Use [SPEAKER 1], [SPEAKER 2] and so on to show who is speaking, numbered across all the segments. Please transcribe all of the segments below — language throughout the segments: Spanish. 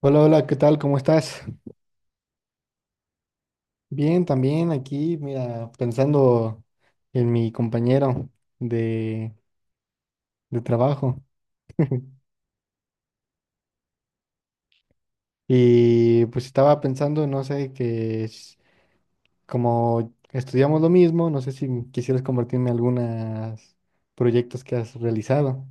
[SPEAKER 1] Hola, hola, ¿qué tal? ¿Cómo estás? Bien, también aquí, mira, pensando en mi compañero de, de trabajo. Y pues estaba pensando, no sé, como estudiamos lo mismo, no sé si quisieras compartirme algunos proyectos que has realizado.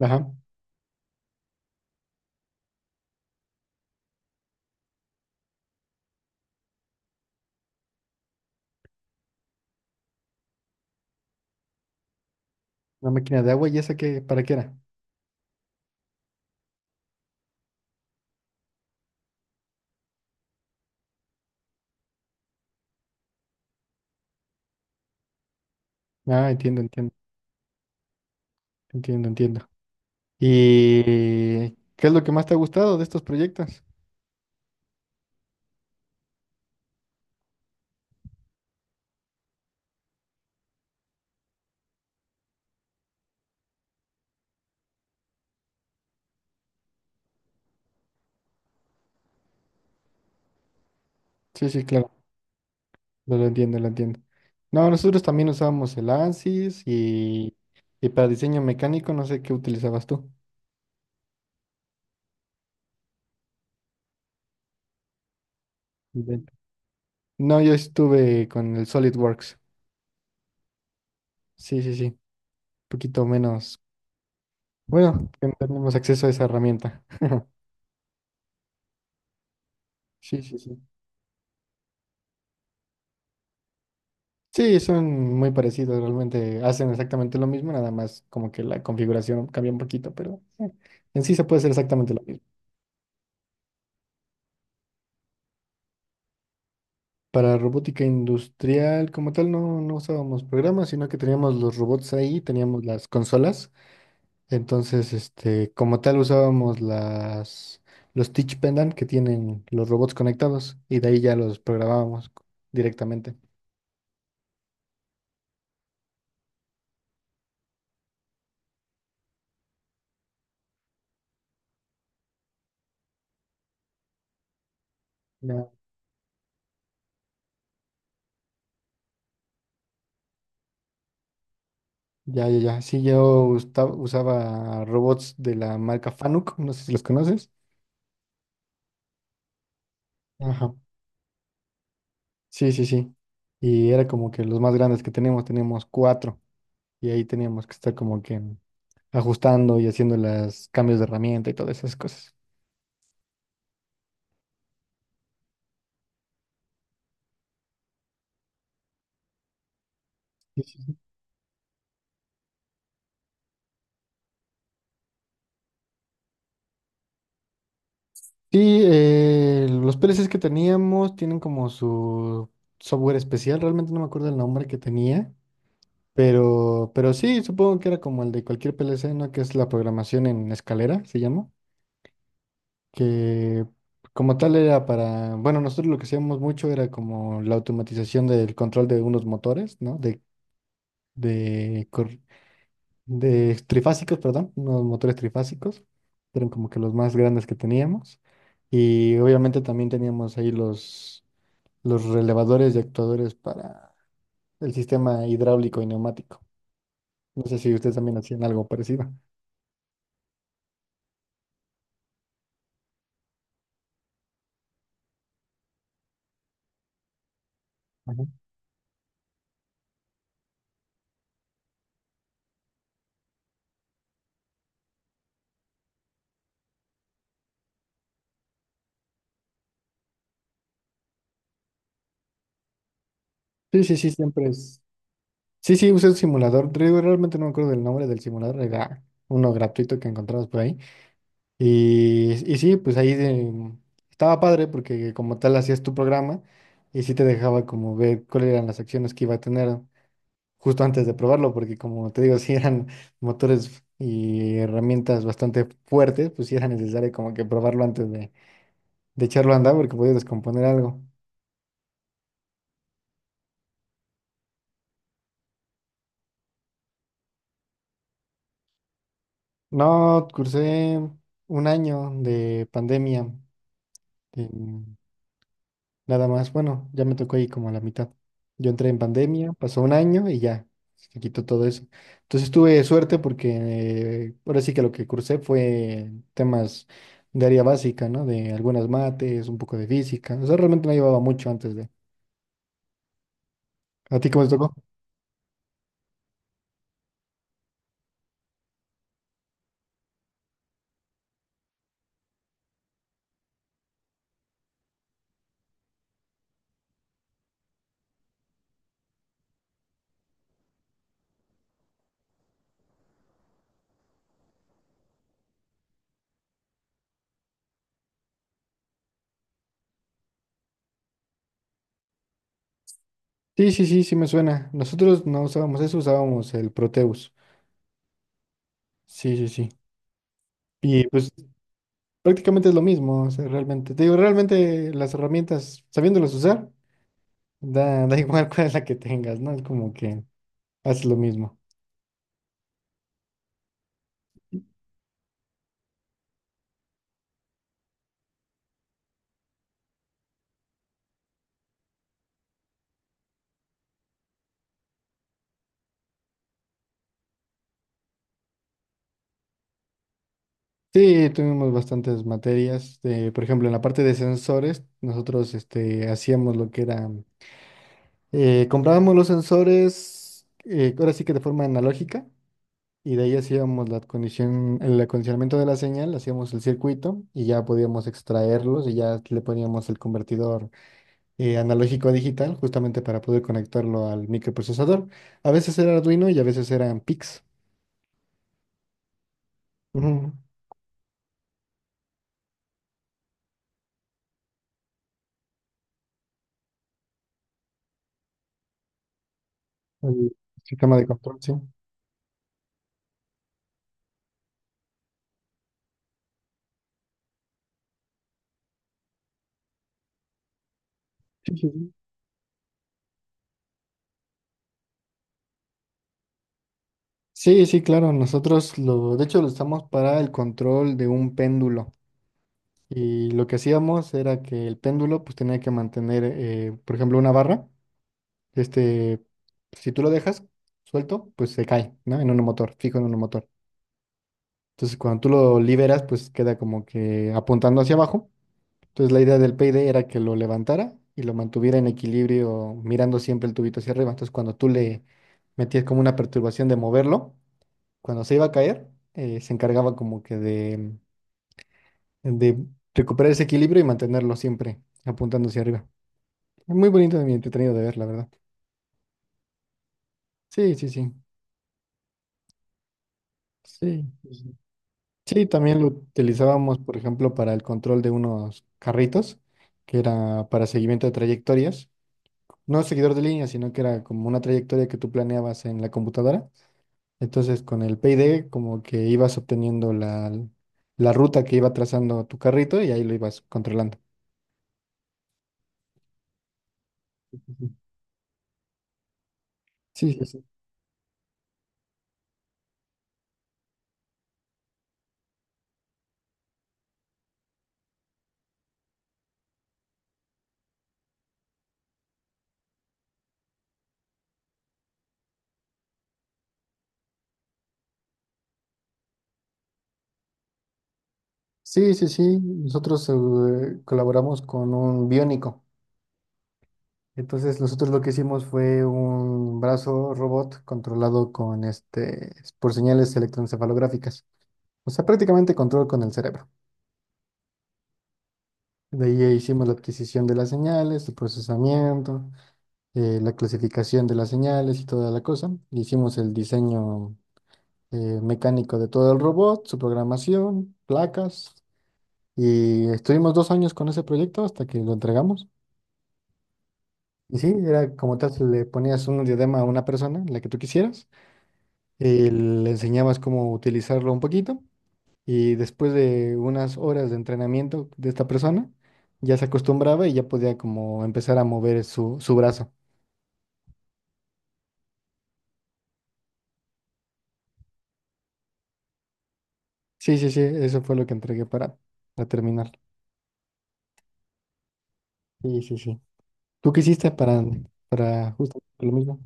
[SPEAKER 1] Ajá, una máquina de agua, ¿y esa qué, para qué era? Ah, entiendo, entiendo, entiendo, entiendo. ¿Y qué es lo que más te ha gustado de estos proyectos? Sí, sí, claro. No lo entiendo, lo entiendo. No, nosotros también usábamos el ANSYS y para diseño mecánico no sé qué utilizabas tú. Ve- No, yo estuve con el SolidWorks. Sí, sí, sí. Un poquito menos. Bueno, que no tenemos acceso a esa herramienta. Sí, sí, sí. Sí, son muy parecidos, realmente hacen exactamente lo mismo, nada más como que la configuración cambia un poquito, pero en sí se puede hacer exactamente lo mismo. Para robótica industrial, como tal, no, no usábamos programas, sino que teníamos los robots ahí, teníamos las consolas. Entonces, este, como tal, usábamos los teach pendant que tienen los robots conectados y de ahí ya los programábamos directamente. Ya, ya, ya, ya. Sí, yo usaba robots de la marca Fanuc, no sé si los conoces. Ajá. Sí, sí, sí. Y era como que los más grandes que teníamos, teníamos cuatro. Y ahí teníamos que estar como que ajustando y haciendo los cambios de herramienta y todas esas cosas. Sí, sí. Sí, los PLCs que teníamos tienen como su software especial, realmente no me acuerdo el nombre que tenía, pero, sí, supongo que era como el de cualquier PLC, ¿no? Que es la programación en escalera, se llama, que como tal era para, bueno, nosotros lo que hacíamos mucho era como la automatización del control de unos motores, ¿no? De, cor- de trifásicos, perdón, unos motores trifásicos, eran como que los más grandes que teníamos. Y obviamente también teníamos ahí los relevadores y actuadores para el sistema hidráulico y neumático. No sé si ustedes también hacían algo parecido. Ajá. Sí, sí, sí, siempre es. Sí, sí, usé un simulador. Realmente no me acuerdo del nombre del simulador, era uno gratuito que encontramos por ahí. Y sí, pues ahí estaba padre porque como tal hacías tu programa y sí te dejaba como ver cuáles eran las acciones que iba a tener justo antes de probarlo, porque como te digo, si eran motores y herramientas bastante fuertes, pues sí era necesario como que probarlo antes de echarlo a andar porque podías descomponer algo. No, cursé un año de pandemia. Nada más, bueno, ya me tocó ahí como a la mitad. Yo entré en pandemia, pasó un año y ya, se quitó todo eso. Entonces tuve suerte porque ahora sí que lo que cursé fue temas de área básica, ¿no? De algunas mates, un poco de física. O sea, realmente no llevaba mucho antes de... ¿A ti cómo te tocó? Sí, sí, sí, sí me suena. Nosotros no usábamos eso, usábamos el Proteus. Sí, sí, sí. Y pues prácticamente es lo mismo, o sea, realmente. Te digo, realmente las herramientas, sabiéndolas usar. Da igual cuál es la que tengas, ¿no? Es como que haces lo mismo. Sí, tuvimos bastantes materias. Por ejemplo, en la parte de sensores, nosotros este, hacíamos lo que era, comprábamos los sensores, ahora sí que de forma analógica, y de ahí hacíamos el acondicionamiento de la señal, hacíamos el circuito y ya podíamos extraerlos y ya le poníamos el convertidor analógico a digital, justamente para poder conectarlo al microprocesador. A veces era Arduino y a veces eran PIX. Ujú. El sistema de control, sí. Sí, sí, sí. Sí, sí, claro, nosotros lo, de hecho lo usamos para el control de un péndulo y lo que hacíamos era que el péndulo pues tenía que mantener, por ejemplo, una barra, este, si tú lo dejas suelto, pues se cae, ¿no? En un motor, fijo en un motor. Entonces cuando tú lo liberas, pues queda como que apuntando hacia abajo. Entonces la idea del payday era que lo levantara y lo mantuviera en equilibrio mirando siempre el tubito hacia arriba. Entonces cuando tú le metías como una perturbación de moverlo, cuando se iba a caer, se encargaba como que de recuperar ese equilibrio y mantenerlo siempre apuntando hacia arriba. Muy bonito y entretenido de ver, la verdad. Sí, sí, sí. Sí. Sí, sí, también lo utilizábamos, por ejemplo, para el control de unos carritos, que era para seguimiento de trayectorias. No seguidor de línea, sino que era como una trayectoria que tú planeabas en la computadora. Entonces, con el PID, como que ibas obteniendo la ruta que iba trazando tu carrito y ahí lo ibas controlando. Ujú. Sí, sí, sí. Sí, sí, sí. Nosotros colaboramos con un biónico. Entonces, nosotros lo que hicimos fue un brazo robot controlado con este, por señales electroencefalográficas. O sea, prácticamente control con el cerebro. De ahí hicimos la adquisición de las señales, su procesamiento. La clasificación de las señales y toda la cosa. Hicimos el diseño mecánico de todo el robot, su programación, placas, y estuvimos 2 años con ese proyecto hasta que lo entregamos. Y sí, era como tal, le ponías un diadema a una persona, la que tú quisieras, y le enseñabas cómo utilizarlo un poquito, y después de unas horas de entrenamiento de esta persona, ya se acostumbraba y ya podía como empezar a mover su brazo. Sí, sí, sí, eso fue lo que entregué para terminar. Sí, sí, sí. ¿Tú qué hiciste para justo lo mismo?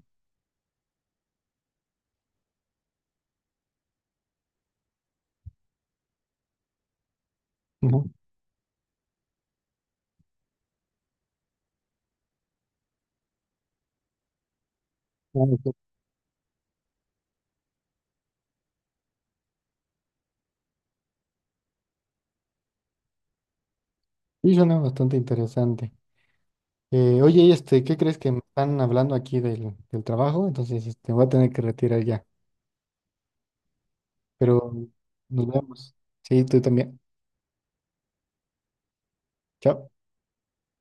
[SPEAKER 1] Ujú. Ah, ok. Sí, suena bastante interesante. Oye, y este, ¿qué crees que me están hablando aquí del trabajo? Entonces, este, voy a tener que retirar ya. Pero nos vemos. Sí, tú también. Chao.